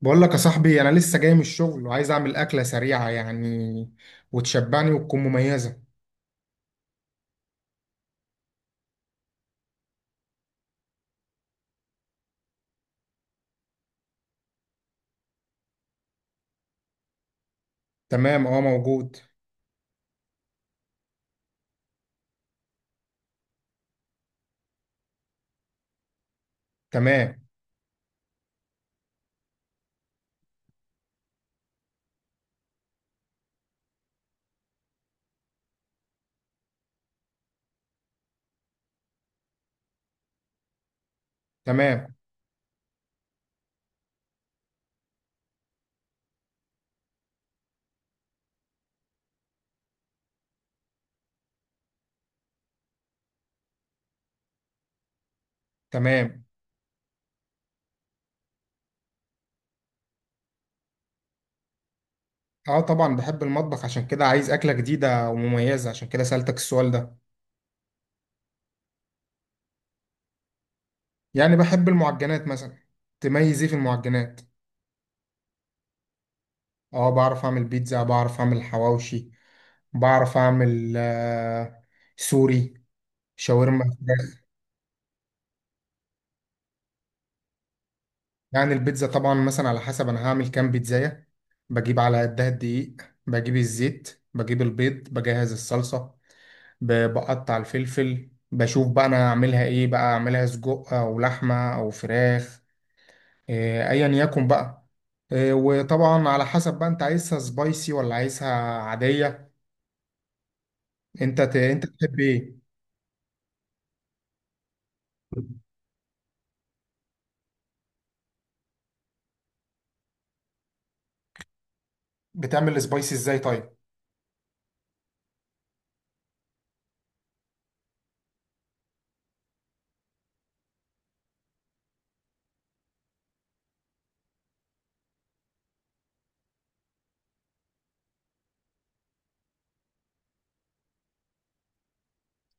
بقول لك يا صاحبي، انا لسه جاي من الشغل وعايز اعمل اكله سريعه يعني وتشبعني وتكون مميزه. تمام، اه موجود. تمام. تمام. تمام. اه طبعا بحب المطبخ، عشان كده عايز اكله جديده ومميزه، عشان كده سألتك السؤال ده. يعني بحب المعجنات مثلا. تميز ايه في المعجنات؟ اه، بعرف اعمل بيتزا، بعرف اعمل حواوشي، بعرف اعمل سوري، شاورما. يعني البيتزا طبعا مثلا على حسب انا هعمل كام بيتزاية. بجيب على قدها الدقيق، بجيب الزيت، بجيب البيض، بجهز الصلصة. بقطع الفلفل، بشوف بقى انا هعملها ايه بقى، اعملها سجق او لحمة او فراخ. ايا يكن بقى. وطبعا على حسب بقى انت عايزها سبايسي ولا عايزها عادية. انت تحب ايه؟ بتعمل السبايسي ازاي طيب؟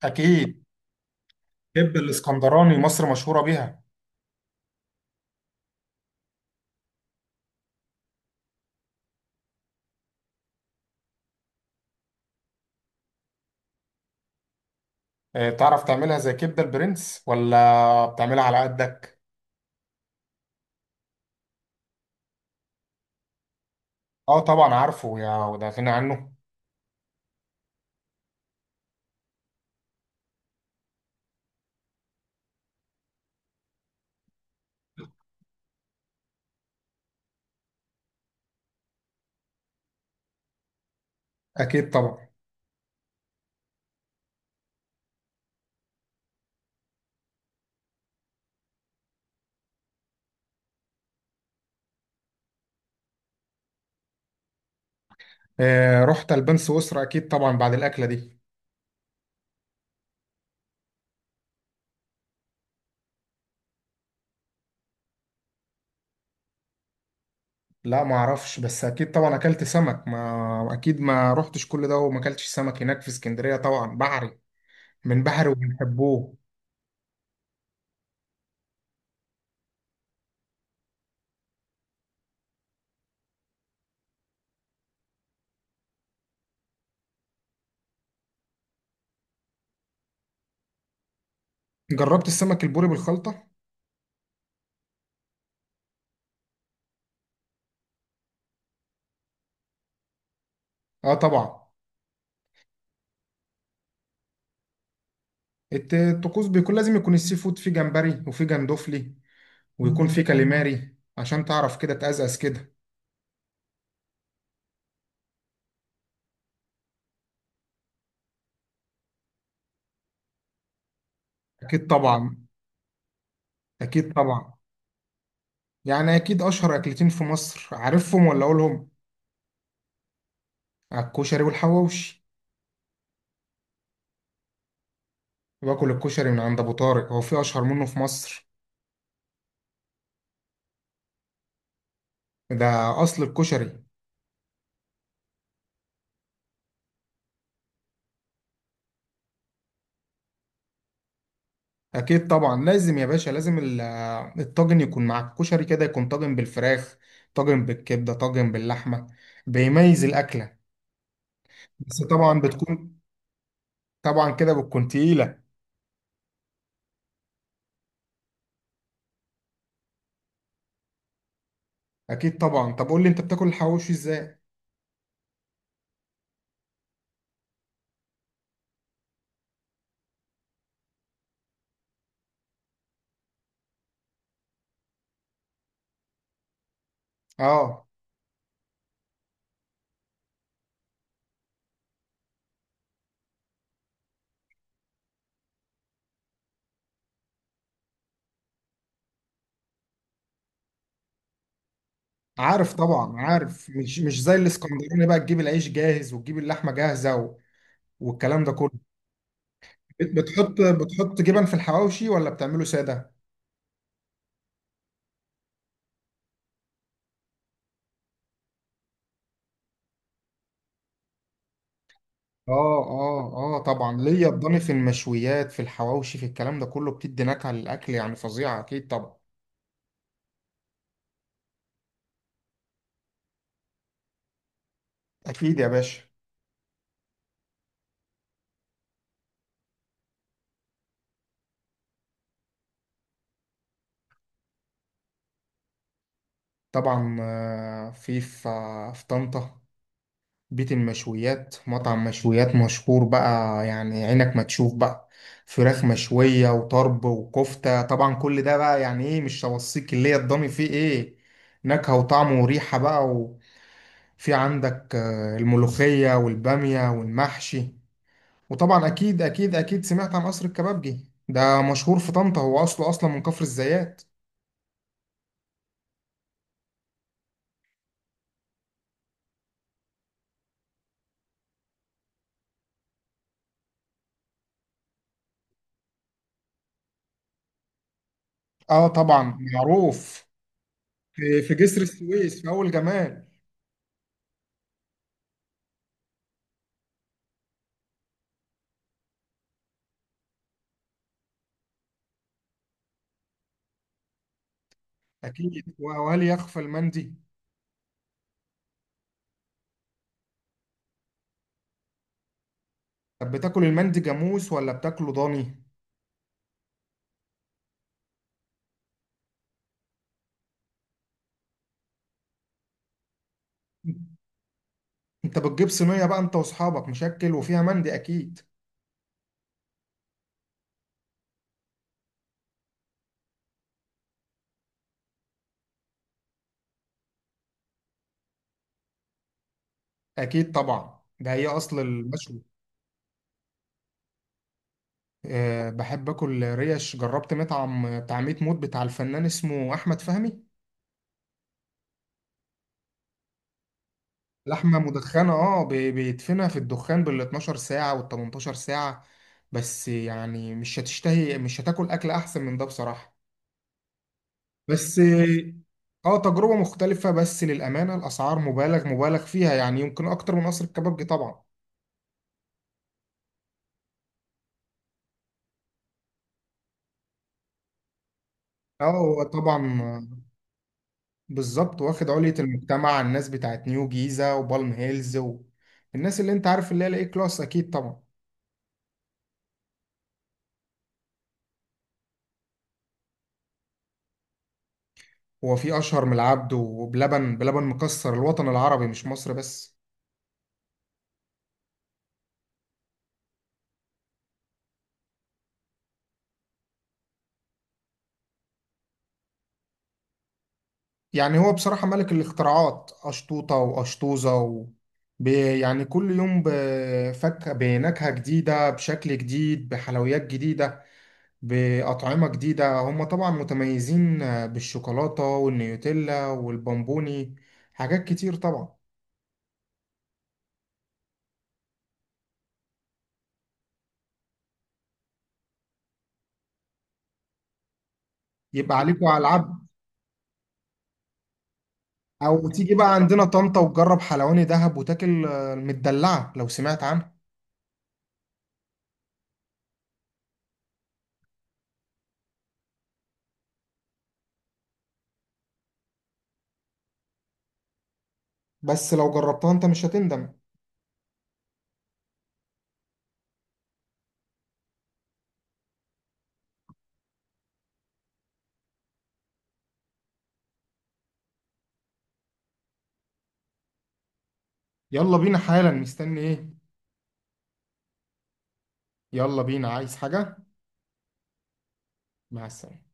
اكيد. تحب الاسكندراني، مصر مشهورة بيها. تعرف تعملها زي كبدة البرنس ولا بتعملها على قدك؟ اه طبعا عارفه، يا وده غني عنه. اكيد طبعا. رحت البان سويسرا اكيد طبعا بعد الاكلة دي. لا ما اعرفش، بس اكيد طبعا اكلت سمك، ما اكيد ما رحتش كل ده وما اكلتش سمك هناك في اسكندرية، طبعا بحري، من بحري وبنحبوه. جربت السمك البوري بالخلطة؟ اه طبعا. الطقوس بيكون لازم يكون السي فود فيه جمبري وفيه جندوفلي، ويكون فيه كاليماري عشان تعرف كده تقزقز كده. اكيد طبعا. اكيد طبعا. يعني اكيد اشهر اكلتين في مصر، عارفهم ولا اقولهم؟ الكشري والحواوشي. باكل الكشري من عند ابو طارق، هو في اشهر منه في مصر؟ ده اصل الكشري. اكيد طبعا، لازم يا باشا، لازم الطاجن يكون مع الكشري كده، يكون طاجن بالفراخ، طاجن بالكبده، طاجن باللحمه. بيميز الاكله. بس طبعا بتكون. طبعا كده بتكون تقيله. اكيد طبعا. طب قول لي انت بتاكل الحواوشي ازاي؟ اه. عارف طبعا عارف، مش زي الاسكندراني بقى تجيب العيش جاهز وتجيب اللحمه جاهزه. والكلام ده كله. بتحط جبن في الحواوشي ولا بتعمله ساده؟ اه، اه. اه طبعا ليا الضاني في المشويات، في الحواوشي، في الكلام ده كله، بتدي نكهه للاكل يعني فظيعه، اكيد طبعا. اكيد يا باشا. طبعا. في طنطا بيت المشويات، مطعم مشويات مشهور بقى، يعني عينك ما تشوف بقى فراخ مشوية وطرب وكفتة، طبعا كل ده بقى، يعني ايه، مش هوصيك اللي هي الضاني فيه ايه، نكهة وطعم وريحة بقى. في عندك الملوخية والبامية والمحشي. وطبعا أكيد أكيد أكيد سمعت عن قصر الكبابجي، ده مشهور في طنطا، هو أصله أصلا من كفر الزيات. آه طبعا. معروف. في في جسر السويس، في أول جمال. أكيد، وهل يخفى المندي؟ طب بتاكل المندي جاموس ولا بتاكله ضاني؟ أنت بتجيب صينية بقى أنت وأصحابك مشكل وفيها مندي أكيد. أكيد طبعا، ده هي أصل المشوي. بحب اكل ريش، جربت مطعم بتاع ميت موت بتاع الفنان اسمه احمد فهمي. لحمه مدخنه، اه، بيدفنها في الدخان بال 12 ساعه وال 18 ساعه، بس يعني مش هتشتهي، مش هتاكل اكل احسن من ده بصراحه. بس. اه، تجربه مختلفه، بس للامانه الاسعار مبالغ مبالغ فيها يعني، يمكن اكتر من قصر الكبابجي طبعا. اه هو طبعا. بالظبط، واخد علية المجتمع، الناس بتاعت نيو جيزة وبالم هيلز. والناس اللي انت عارف اللي هي الاي كلاس، اكيد طبعا. هو في اشهر من العبد وبلبن؟ بلبن مكسر الوطن العربي مش مصر بس. يعني هو بصراحة ملك الاختراعات، اشطوطة واشطوزة يعني كل يوم بفك بنكهة جديدة، بشكل جديد، بحلويات جديدة، بأطعمة جديدة، هم طبعا متميزين. بالشوكولاتة والنيوتيلا والبامبوني، حاجات كتير طبعا. يبقى عليكوا على العبد. او تيجي بقى عندنا طنطا وتجرب حلواني دهب وتاكل المدلعة، لو سمعت عنها. بس لو جربتها انت مش هتندم. يلا بينا حالا، مستني ايه؟ يلا بينا، عايز حاجة؟ مع السلامة.